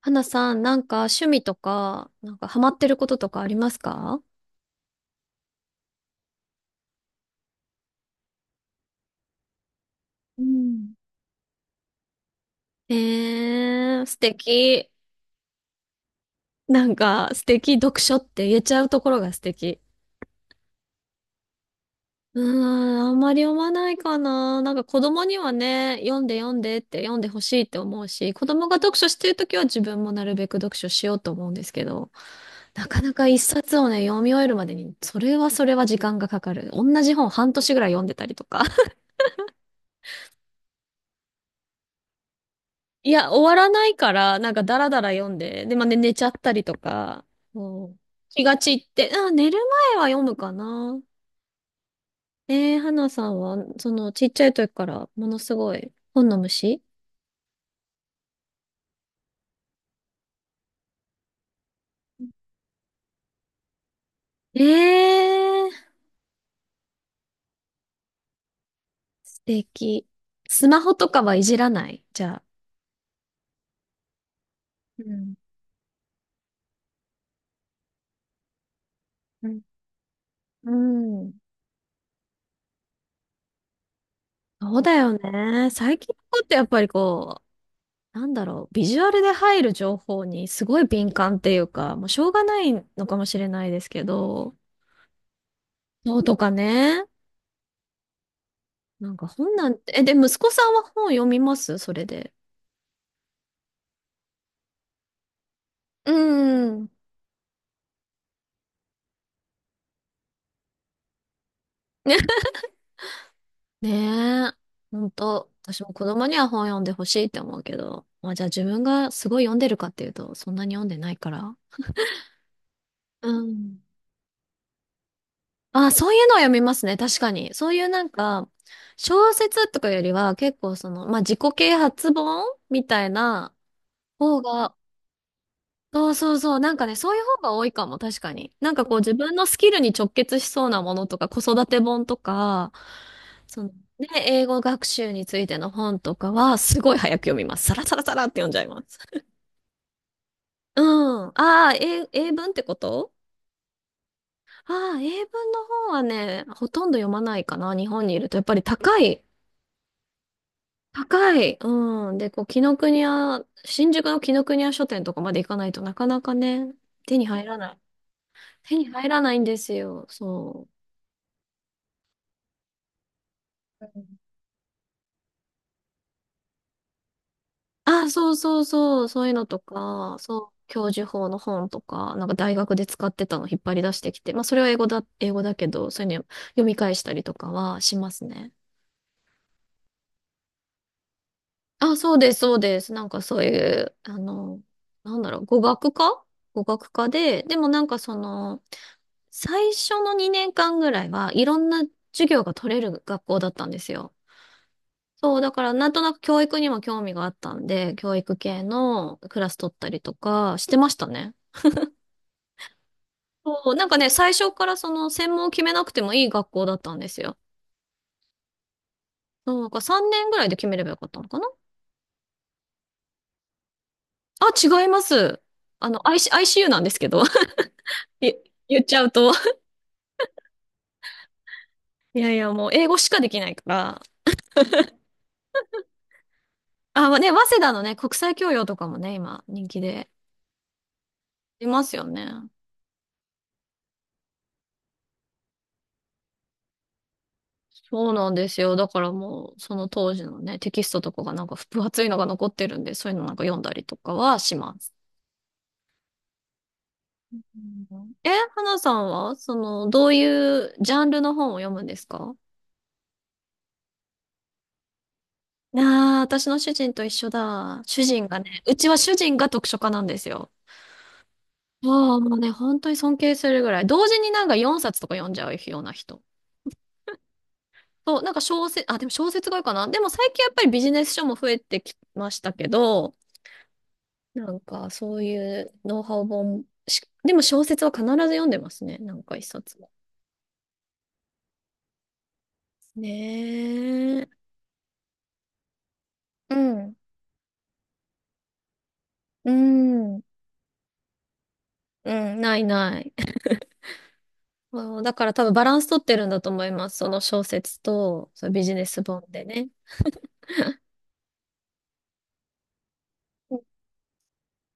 花さん、なんか趣味とか、なんかハマってることとかありますか？うん、えー、素敵。なんか素敵、読書って言えちゃうところが素敵。うーん、あんまり読まないかな。なんか子供にはね、読んで読んでって読んでほしいって思うし、子供が読書してるときは自分もなるべく読書しようと思うんですけど、なかなか一冊をね、読み終えるまでに、それはそれは時間がかかる。同じ本半年ぐらい読んでたりとか。いや、終わらないから、なんかダラダラ読んで、で、まあ、ね、寝ちゃったりとか、うん、気が散って、あ、寝る前は読むかな。花さんは、ちっちゃい時からものすごい本の虫？えー、素敵。スマホとかはいじらないじゃあ？うん。うんうん。そうだよね。最近の子ってやっぱりこう、なんだろう、ビジュアルで入る情報にすごい敏感っていうか、もうしょうがないのかもしれないですけど、そうとかね。なんか本なんて、え、で、息子さんは本読みますそれで？うーん。ね。ねえ。ほんと、私も子供には本読んでほしいって思うけど。まあじゃあ自分がすごい読んでるかっていうと、そんなに読んでないから。うん。あ、そういうのは読みますね。確かに。そういうなんか、小説とかよりは結構その、まあ自己啓発本みたいな方が。そうそうそう。なんかね、そういう方が多いかも、確かに。なんかこう自分のスキルに直結しそうなものとか、子育て本とか、そのね、英語学習についての本とかは、すごい早く読みます。サラサラサラって読んじゃいます。うん。ああ、英文ってこと？ああー、英文の本はね、ほとんど読まないかな、日本にいると。やっぱり高い。高い。うん。で、こう、紀ノ国屋、新宿の紀ノ国屋書店とかまで行かないとなかなかね、手に入らない。手に入らないんですよ。そう。あ、そうそうそう、そういうのとか、そう、教授法の本とか、なんか大学で使ってたの引っ張り出してきて、まあそれは英語だ、英語だけど、そういうの読み返したりとかはしますね。あ、そうです、そうです。なんかそういう、なんだろう、語学科で、でもなんかその、最初の2年間ぐらいはいろんな授業が取れる学校だったんですよ。そう、だからなんとなく教育にも興味があったんで、教育系のクラス取ったりとかしてましたね。そう、なんかね、最初からその専門を決めなくてもいい学校だったんですよ。そうなんか3年ぐらいで決めればよかったのかな？あ、違います。I ユ u なんですけど。い言っちゃうと。いやいや、もう英語しかできないから。あ、まあね、早稲田のね、国際教養とかもね、今人気でいますよね。そうなんですよ。だからもう、その当時のね、テキストとかがなんか分厚いのが残ってるんで、そういうのなんか読んだりとかはします。うん、え、花さんは、どういうジャンルの本を読むんですか？ああー、私の主人と一緒だ。主人がね、うちは主人が読書家なんですよ。ああ、もうね、本当に尊敬するぐらい。同時になんか4冊とか読んじゃうような人。そう、なんか小説、あ、でも小説が多いかな。でも最近やっぱりビジネス書も増えてきましたけど、なんか、そういうノウハウ本し、でも小説は必ず読んでますね。なんか一冊は。ねえ。うん。うん。うん。ないない。そうだから多分バランス取ってるんだと思います。その小説と、そのビジネス本でね。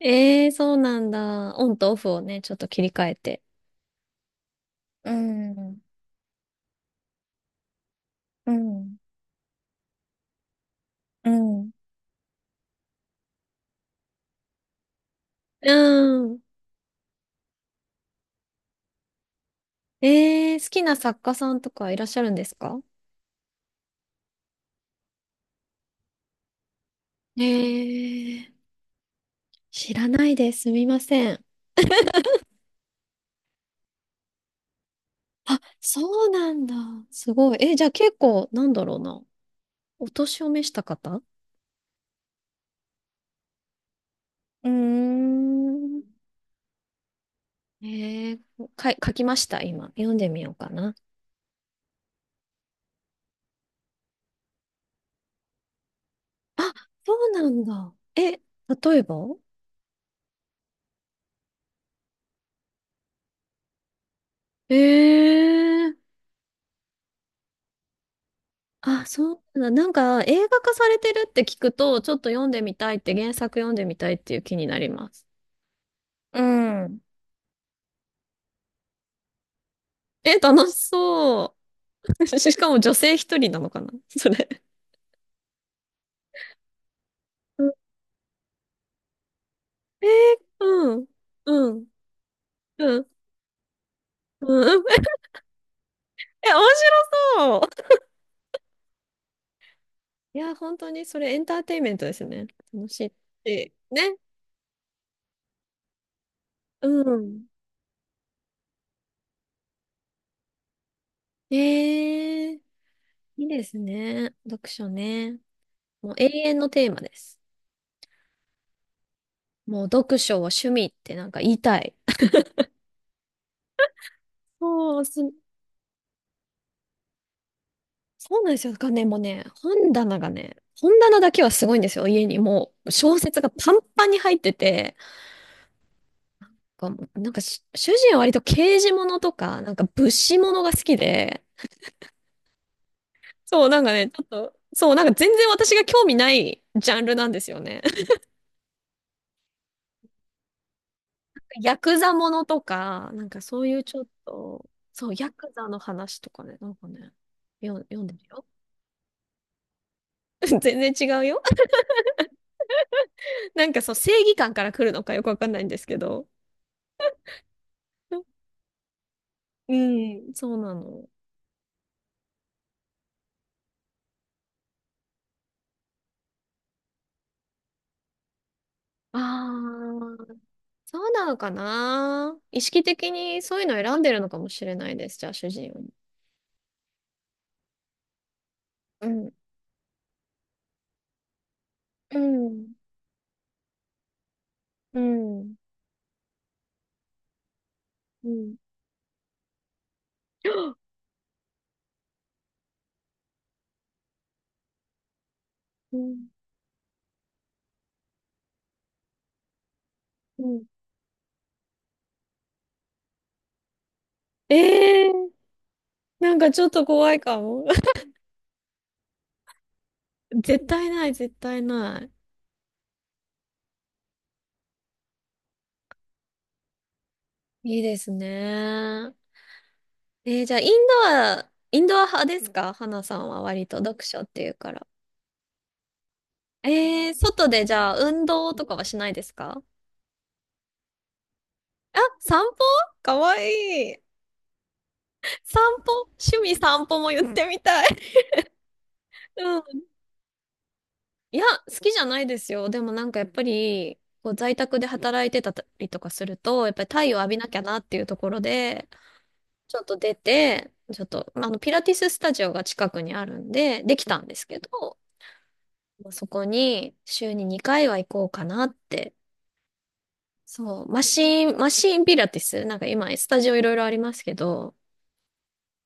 ええー、そうなんだ。オンとオフをね、ちょっと切り替えて。うん。うん。うん。うん。ええー、好きな作家さんとかいらっしゃるんですか？ええー、知らないです。すみません。あ、そうなんだ。すごい。え、じゃあ結構、なんだろうな。お年を召した方？うーん。えー、書きました、今。読んでみようかな。あ、そうなんだ。え、例えばえー、あ、そうなんだ。なんか、映画化されてるって聞くと、ちょっと読んでみたいって、原作読んでみたいっていう気になります。うん。え、楽しそう。しかも女性一人なのかなそれ？うん、えー、うん、うん、うん。うん。え、面白そう。いや、本当にそれエンターテインメントですね。楽しいし。ね。うん。ええ、いいですね。読書ね。もう永遠のテーマです。もう読書を趣味ってなんか言いたい。そう、す、そうなんですよ。だからね、もうね、本棚がね、本棚だけはすごいんですよ。家にもう小説がパンパンに入ってて、なんかもうなんかし主人は割と刑事物とか、なんか物資物が好きで、そう、なんかね、ちょっと、そう、なんか全然私が興味ないジャンルなんですよね。ヤクザものとか、なんかそういうちょっと、そう、ヤクザの話とかね、なんかね、読んでるよ。全然違うよ。なんかそう、正義感から来るのかよくわかんないんですけど。うん、そうなの。ああ、そうなのかな。意識的にそういうのを選んでるのかもしれないです、じゃあ主人を。うん、うん、うん、うん、うん、うん。ええー、なんかちょっと怖いかも。絶対ない、絶対ない。いいですね。じゃあ、インドア派ですか花さんは割と読書っていうから？外でじゃあ、運動とかはしないですか？あ、散歩かわいい。散歩趣味散歩も言ってみたい。うん。いや、好きじゃないですよ。でもなんかやっぱり、こう在宅で働いてたりとかすると、やっぱり太陽浴びなきゃなっていうところで、ちょっと出て、ちょっと、ピラティススタジオが近くにあるんで、できたんですけど、まあそこに週に2回は行こうかなって。そう、マシーンピラティス、なんか今、スタジオいろいろありますけど、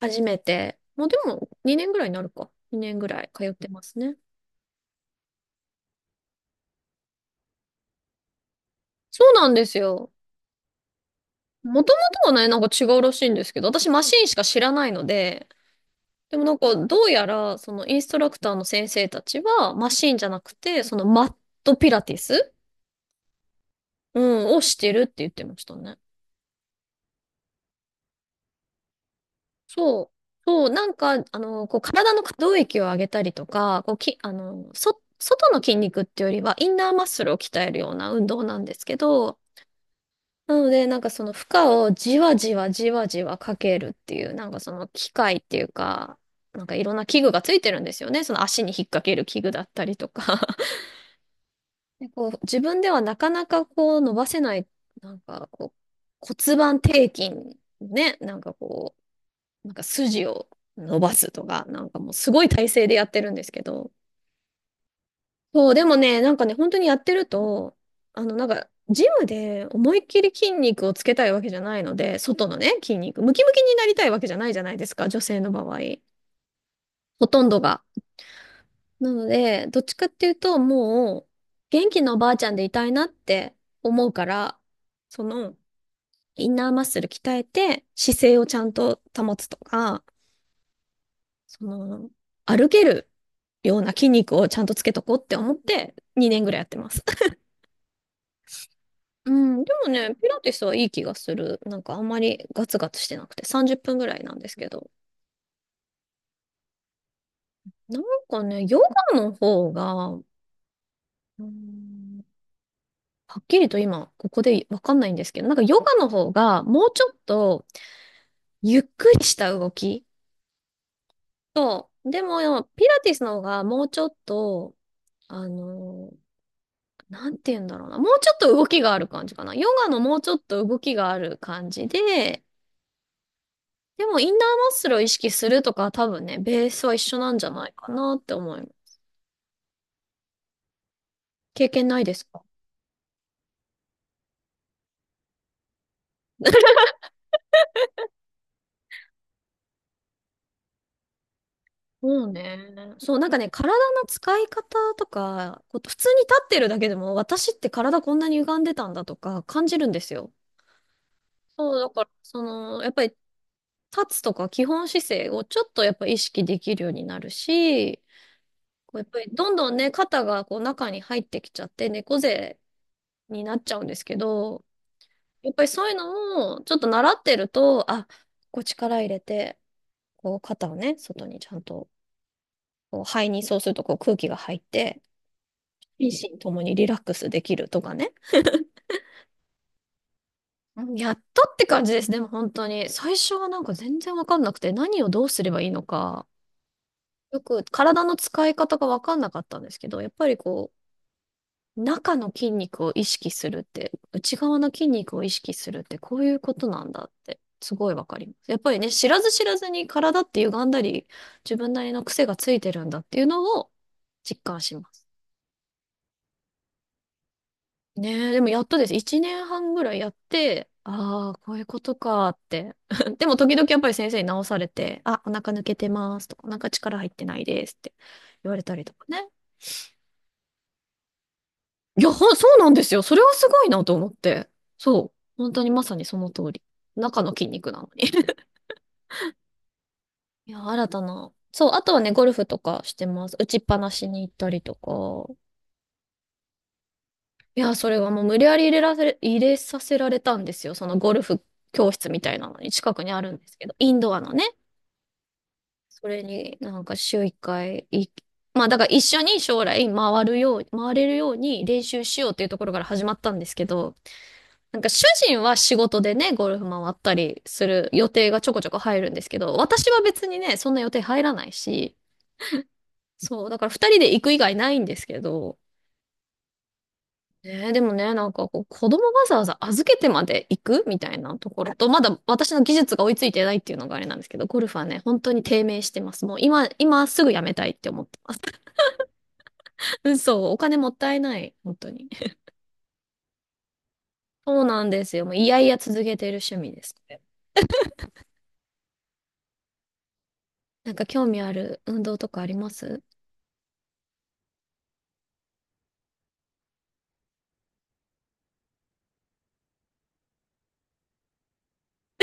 初めて、もうでも2年ぐらいになるか。2年ぐらい通ってますね。そうなんですよ。もともとはね、なんか違うらしいんですけど、私マシンしか知らないので、でもなんかどうやら、そのインストラクターの先生たちは、マシンじゃなくて、そのマットピラティス、うん、をしてるって言ってましたね。そう。そう、体の可動域を上げたりとか、こう、き、あの、そ、外の筋肉っていうよりは、インナーマッスルを鍛えるような運動なんですけど、なので、その負荷をじわじわじわじわかけるっていう、その機械っていうか、なんかいろんな器具がついてるんですよね。その足に引っ掛ける器具だったりとか。でこう、自分ではなかなかこう伸ばせない、なんかこう、骨盤底筋ね、なんか筋を伸ばすとか、なんかもうすごい体勢でやってるんですけど。そう、でもね、なんかね、本当にやってると、ジムで思いっきり筋肉をつけたいわけじゃないので、外のね、筋肉、ムキムキになりたいわけじゃないじゃないですか、女性の場合。ほとんどが。なので、どっちかっていうと、もう、元気なおばあちゃんでいたいなって思うから、その、インナーマッスル鍛えて、姿勢をちゃんと保つとか、その、歩けるような筋肉をちゃんとつけとこうって思って2年ぐらいやってます。うん、でもね、ピラティスはいい気がする。なんかあんまりガツガツしてなくて30分ぐらいなんですけど。なんかね、ヨガの方が、うん、はっきりと今ここでわかんないんですけど、なんかヨガの方がもうちょっとゆっくりした動きと、でもピラティスの方がもうちょっと、あのなんて言うんだろうな。もうちょっと動きがある感じかな。ヨガのもうちょっと動きがある感じで、でもインナーマッスルを意識するとかは多分ね、ベースは一緒なんじゃないかなって思います。経験ないですか？そうね。そう、なんかね、体の使い方とか、こう普通に立ってるだけでも、私って体こんなに歪んでたんだとか感じるんですよ。そう、だから、その、やっぱり立つとか基本姿勢をちょっとやっぱ意識できるようになるし、こうやっぱりどんどんね、肩がこう中に入ってきちゃって猫背になっちゃうんですけど、やっぱりそういうのをちょっと習ってると、あ、こう力入れて、こう肩をね、外にちゃんと、こう肺にそうするとこう空気が入って、心身ともにリラックスできるとかね。うんやったって感じです。でも本当に。最初はなんか全然わかんなくて、何をどうすればいいのか、よく体の使い方がわかんなかったんですけど、やっぱりこう、中の筋肉を意識するって、内側の筋肉を意識するってこういうことなんだって、すごいわかります。やっぱりね、知らず知らずに体って歪んだり、自分なりの癖がついてるんだっていうのを実感します。ねえ、でもやっとです。1年半ぐらいやって、ああ、こういうことかって。でも時々やっぱり先生に直されて、あ、お腹抜けてますとか、お腹力入ってないですって言われたりとかね。いや、そうなんですよ。それはすごいなと思って。そう。本当にまさにその通り。中の筋肉なのに。いや、新たな。そう、あとはね、ゴルフとかしてます。打ちっぱなしに行ったりとか。いや、それはもう無理やり入れさせられたんですよ。そのゴルフ教室みたいなのに近くにあるんですけど、インドアのね。それになんか週一回いい、まあだから一緒に将来回るよう、回れるように練習しようっていうところから始まったんですけど、なんか主人は仕事でね、ゴルフ回ったりする予定がちょこちょこ入るんですけど、私は別にね、そんな予定入らないし、そう、だから二人で行く以外ないんですけど、ね、でもね、なんかこう、子供わざわざ預けてまで行くみたいなところと、まだ私の技術が追いついてないっていうのがあれなんですけど、ゴルフはね、本当に低迷してます。もう今、今すぐやめたいって思ってます。うんそう、お金もったいない、本当に。そうなんですよ。もういやいや続けてる趣味です。なんか興味ある運動とかあります？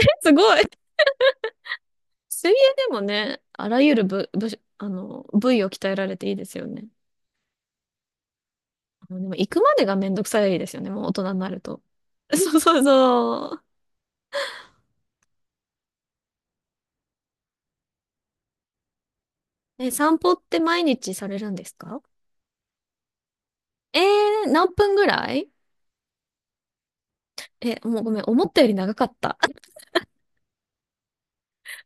えすごい。水泳でもね、あらゆる部、部、あの、部位を鍛えられていいですよね。あのでも行くまでがめんどくさいですよね、もう大人になると。そうそうそう。え、散歩って毎日されるんですか？えー、何分ぐらい？え、もうごめん、思ったより長かった。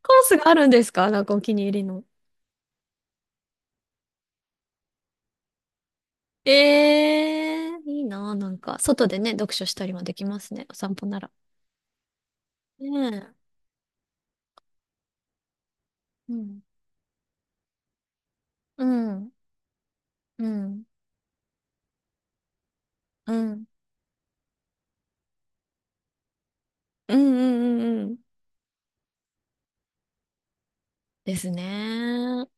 コースがあるんですか？なんかお気に入りの。えー、いいなあ、なんか、外でね、読書したりもできますね、お散歩なら。ねえ。うん。うん。うん。うん。うんうんうんうん。ですね。